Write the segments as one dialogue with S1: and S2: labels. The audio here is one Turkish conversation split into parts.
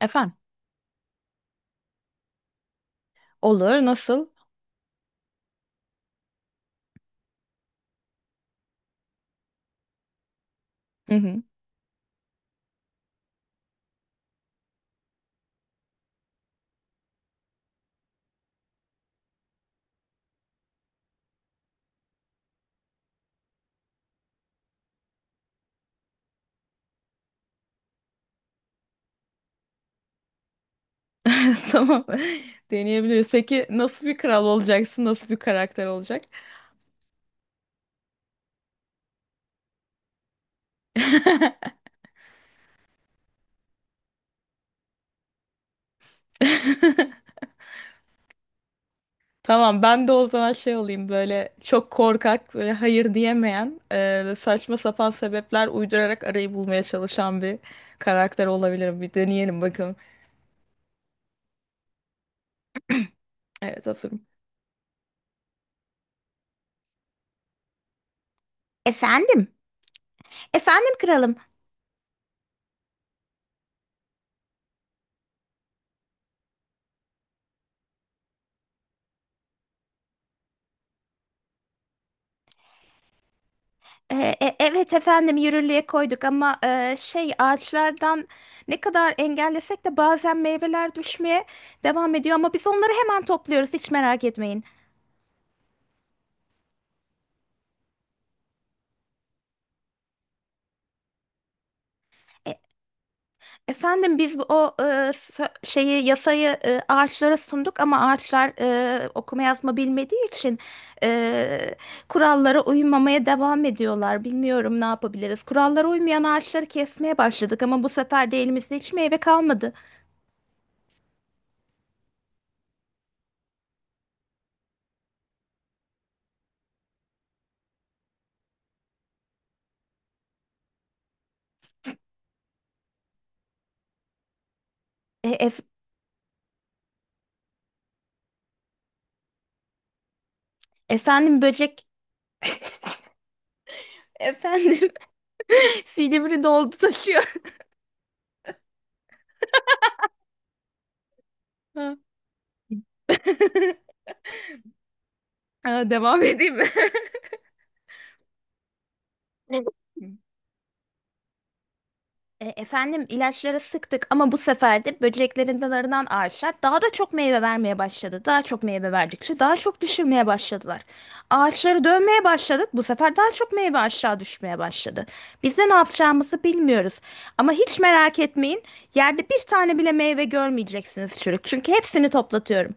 S1: Efendim? Olur. Nasıl? Hı hı. Tamam. Deneyebiliriz. Peki nasıl bir kral olacaksın? Nasıl bir karakter olacak? Tamam, ben de o zaman şey olayım, böyle çok korkak, böyle hayır diyemeyen, saçma sapan sebepler uydurarak arayı bulmaya çalışan bir karakter olabilirim. Bir deneyelim bakalım. Evet, hazırım. Biz şeyi, yasayı ağaçlara sunduk ama ağaçlar okuma yazma bilmediği için e, kurallara uymamaya devam ediyorlar. Bilmiyorum ne yapabiliriz. Kurallara uymayan ağaçları kesmeye başladık ama bu sefer de elimizde hiç meyve kalmadı. E, ef- Efendim, böcek efendim. Silivri doldu taşıyor. Ha. Aa, devam edeyim mi? Efendim, ilaçları sıktık ama bu sefer de böceklerin dalarından ağaçlar daha da çok meyve vermeye başladı. Daha çok meyve verdikçe daha çok düşürmeye başladılar. Ağaçları dönmeye başladık. Bu sefer daha çok meyve aşağı düşmeye başladı. Biz de ne yapacağımızı bilmiyoruz. Ama hiç merak etmeyin. Yerde bir tane bile meyve görmeyeceksiniz çürük. Çünkü hepsini toplatıyorum.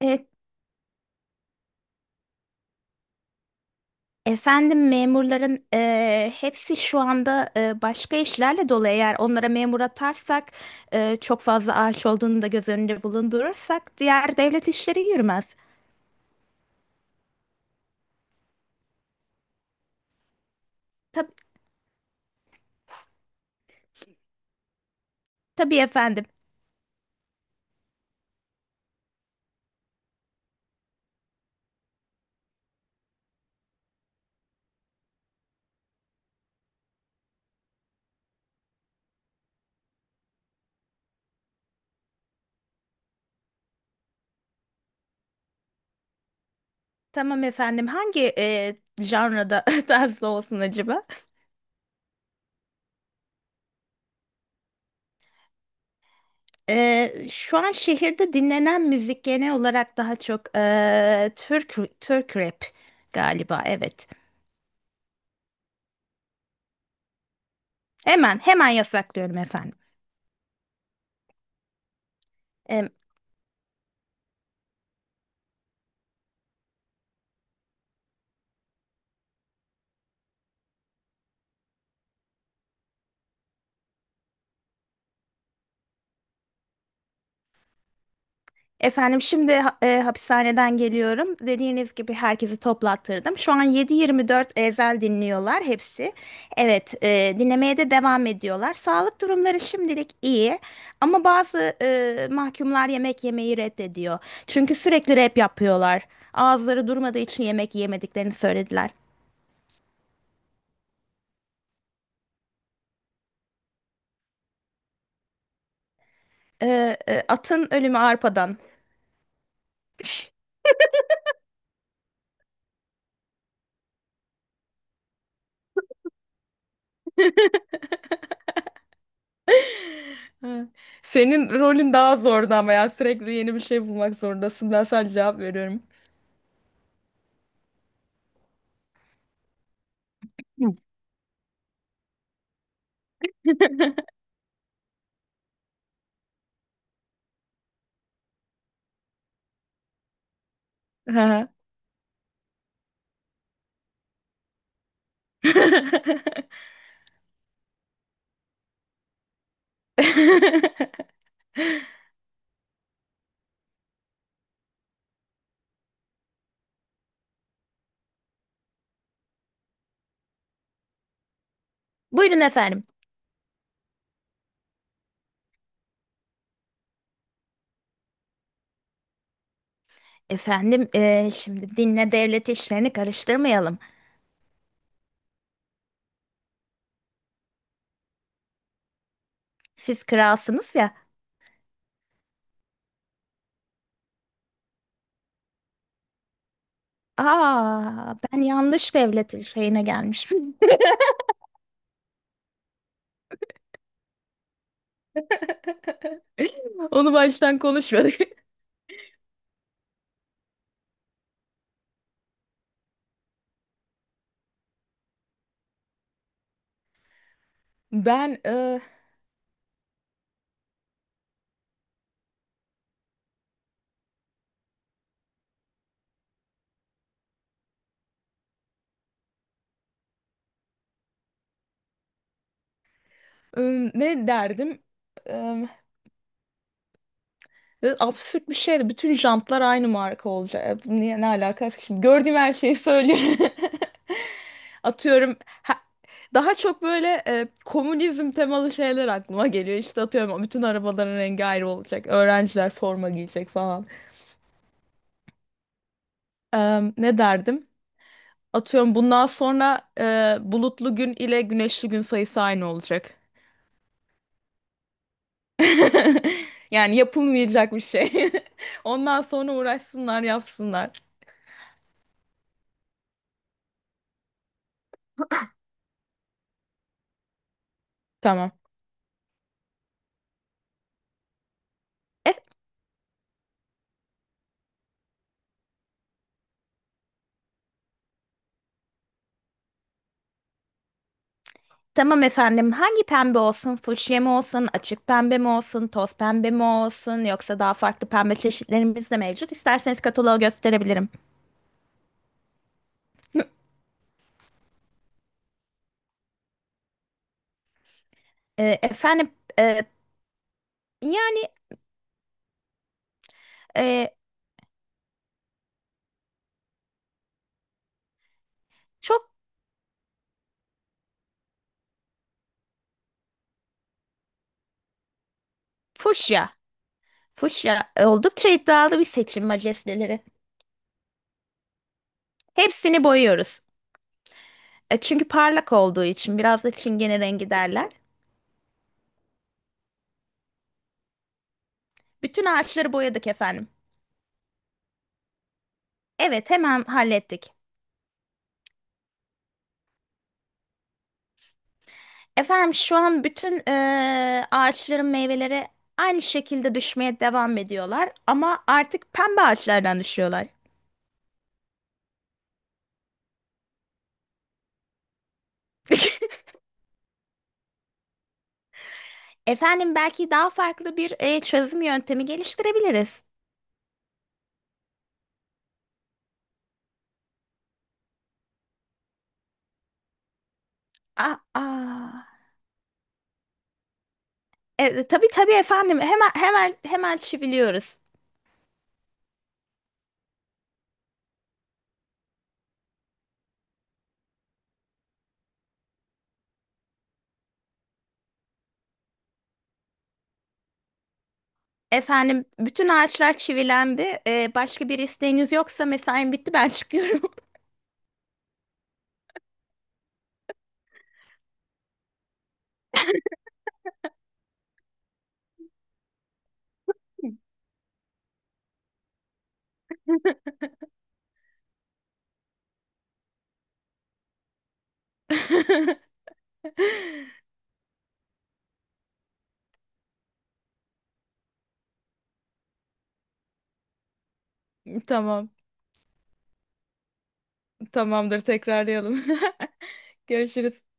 S1: E, Efendim, memurların hepsi şu anda başka işlerle dolu. Eğer onlara memur atarsak çok fazla ağaç olduğunu da göz önünde bulundurursak diğer devlet işleri yürümez. Tab tabii efendim. Tamam efendim. Hangi janrada, tarzda olsun acaba? Şu an şehirde dinlenen müzik genel olarak daha çok Türk rap galiba. Evet. Hemen hemen yasaklıyorum efendim. Efendim, şimdi hapishaneden geliyorum. Dediğiniz gibi herkesi toplattırdım. Şu an 7-24 ezel dinliyorlar hepsi. Evet, dinlemeye de devam ediyorlar. Sağlık durumları şimdilik iyi ama bazı mahkumlar yemek yemeyi reddediyor. Çünkü sürekli rap yapıyorlar. Ağızları durmadığı için yemek yemediklerini söylediler. Atın ölümü arpadan. Ha. Senin rolün daha zordu ama ya, sürekli yeni bir şey bulmak zorundasın. Ben sadece cevap veriyorum. Hı hı. Buyurun efendim. Efendim, şimdi dinle devlet işlerini karıştırmayalım. Siz kralsınız ya. Aa, ben yanlış devlet şeyine gelmişim. Onu baştan konuşmadık. Ben e, e, Ne derdim? E, Absürt bir şeydi. Bütün jantlar aynı marka olacak. Niye, ne alakası? Şimdi gördüğüm her şeyi söylüyorum. Atıyorum, ha- daha çok böyle komünizm temalı şeyler aklıma geliyor. İşte atıyorum, bütün arabaların rengi ayrı olacak. Öğrenciler forma giyecek falan. Ne derdim? Atıyorum, bundan sonra bulutlu gün ile güneşli gün sayısı aynı olacak. Yani yapılmayacak bir şey. Ondan sonra uğraşsınlar, yapsınlar. Tamam. Tamam efendim. Hangi pembe olsun? Fuşya mı olsun? Açık pembe mi olsun? Toz pembe mi olsun? Yoksa daha farklı pembe çeşitlerimiz de mevcut. İsterseniz kataloğu gösterebilirim. Efendim, e, yani, e, çok fuşya. Fuşya oldukça iddialı bir seçim majesteleri. Hepsini boyuyoruz. Çünkü parlak olduğu için biraz da çingene rengi derler. Bütün ağaçları boyadık efendim. Evet, hemen hallettik. Efendim, şu an bütün ağaçların meyveleri aynı şekilde düşmeye devam ediyorlar ama artık pembe ağaçlardan düşüyorlar. Efendim, belki daha farklı bir çözüm yöntemi geliştirebiliriz. Aa, aa. Tabii efendim, hemen hemen çiviliyoruz. Efendim, bütün ağaçlar çivilendi. Başka bir isteğiniz yoksa mesaim bitti, ben çıkıyorum. Tamam, tamamdır, tekrarlayalım. Görüşürüz.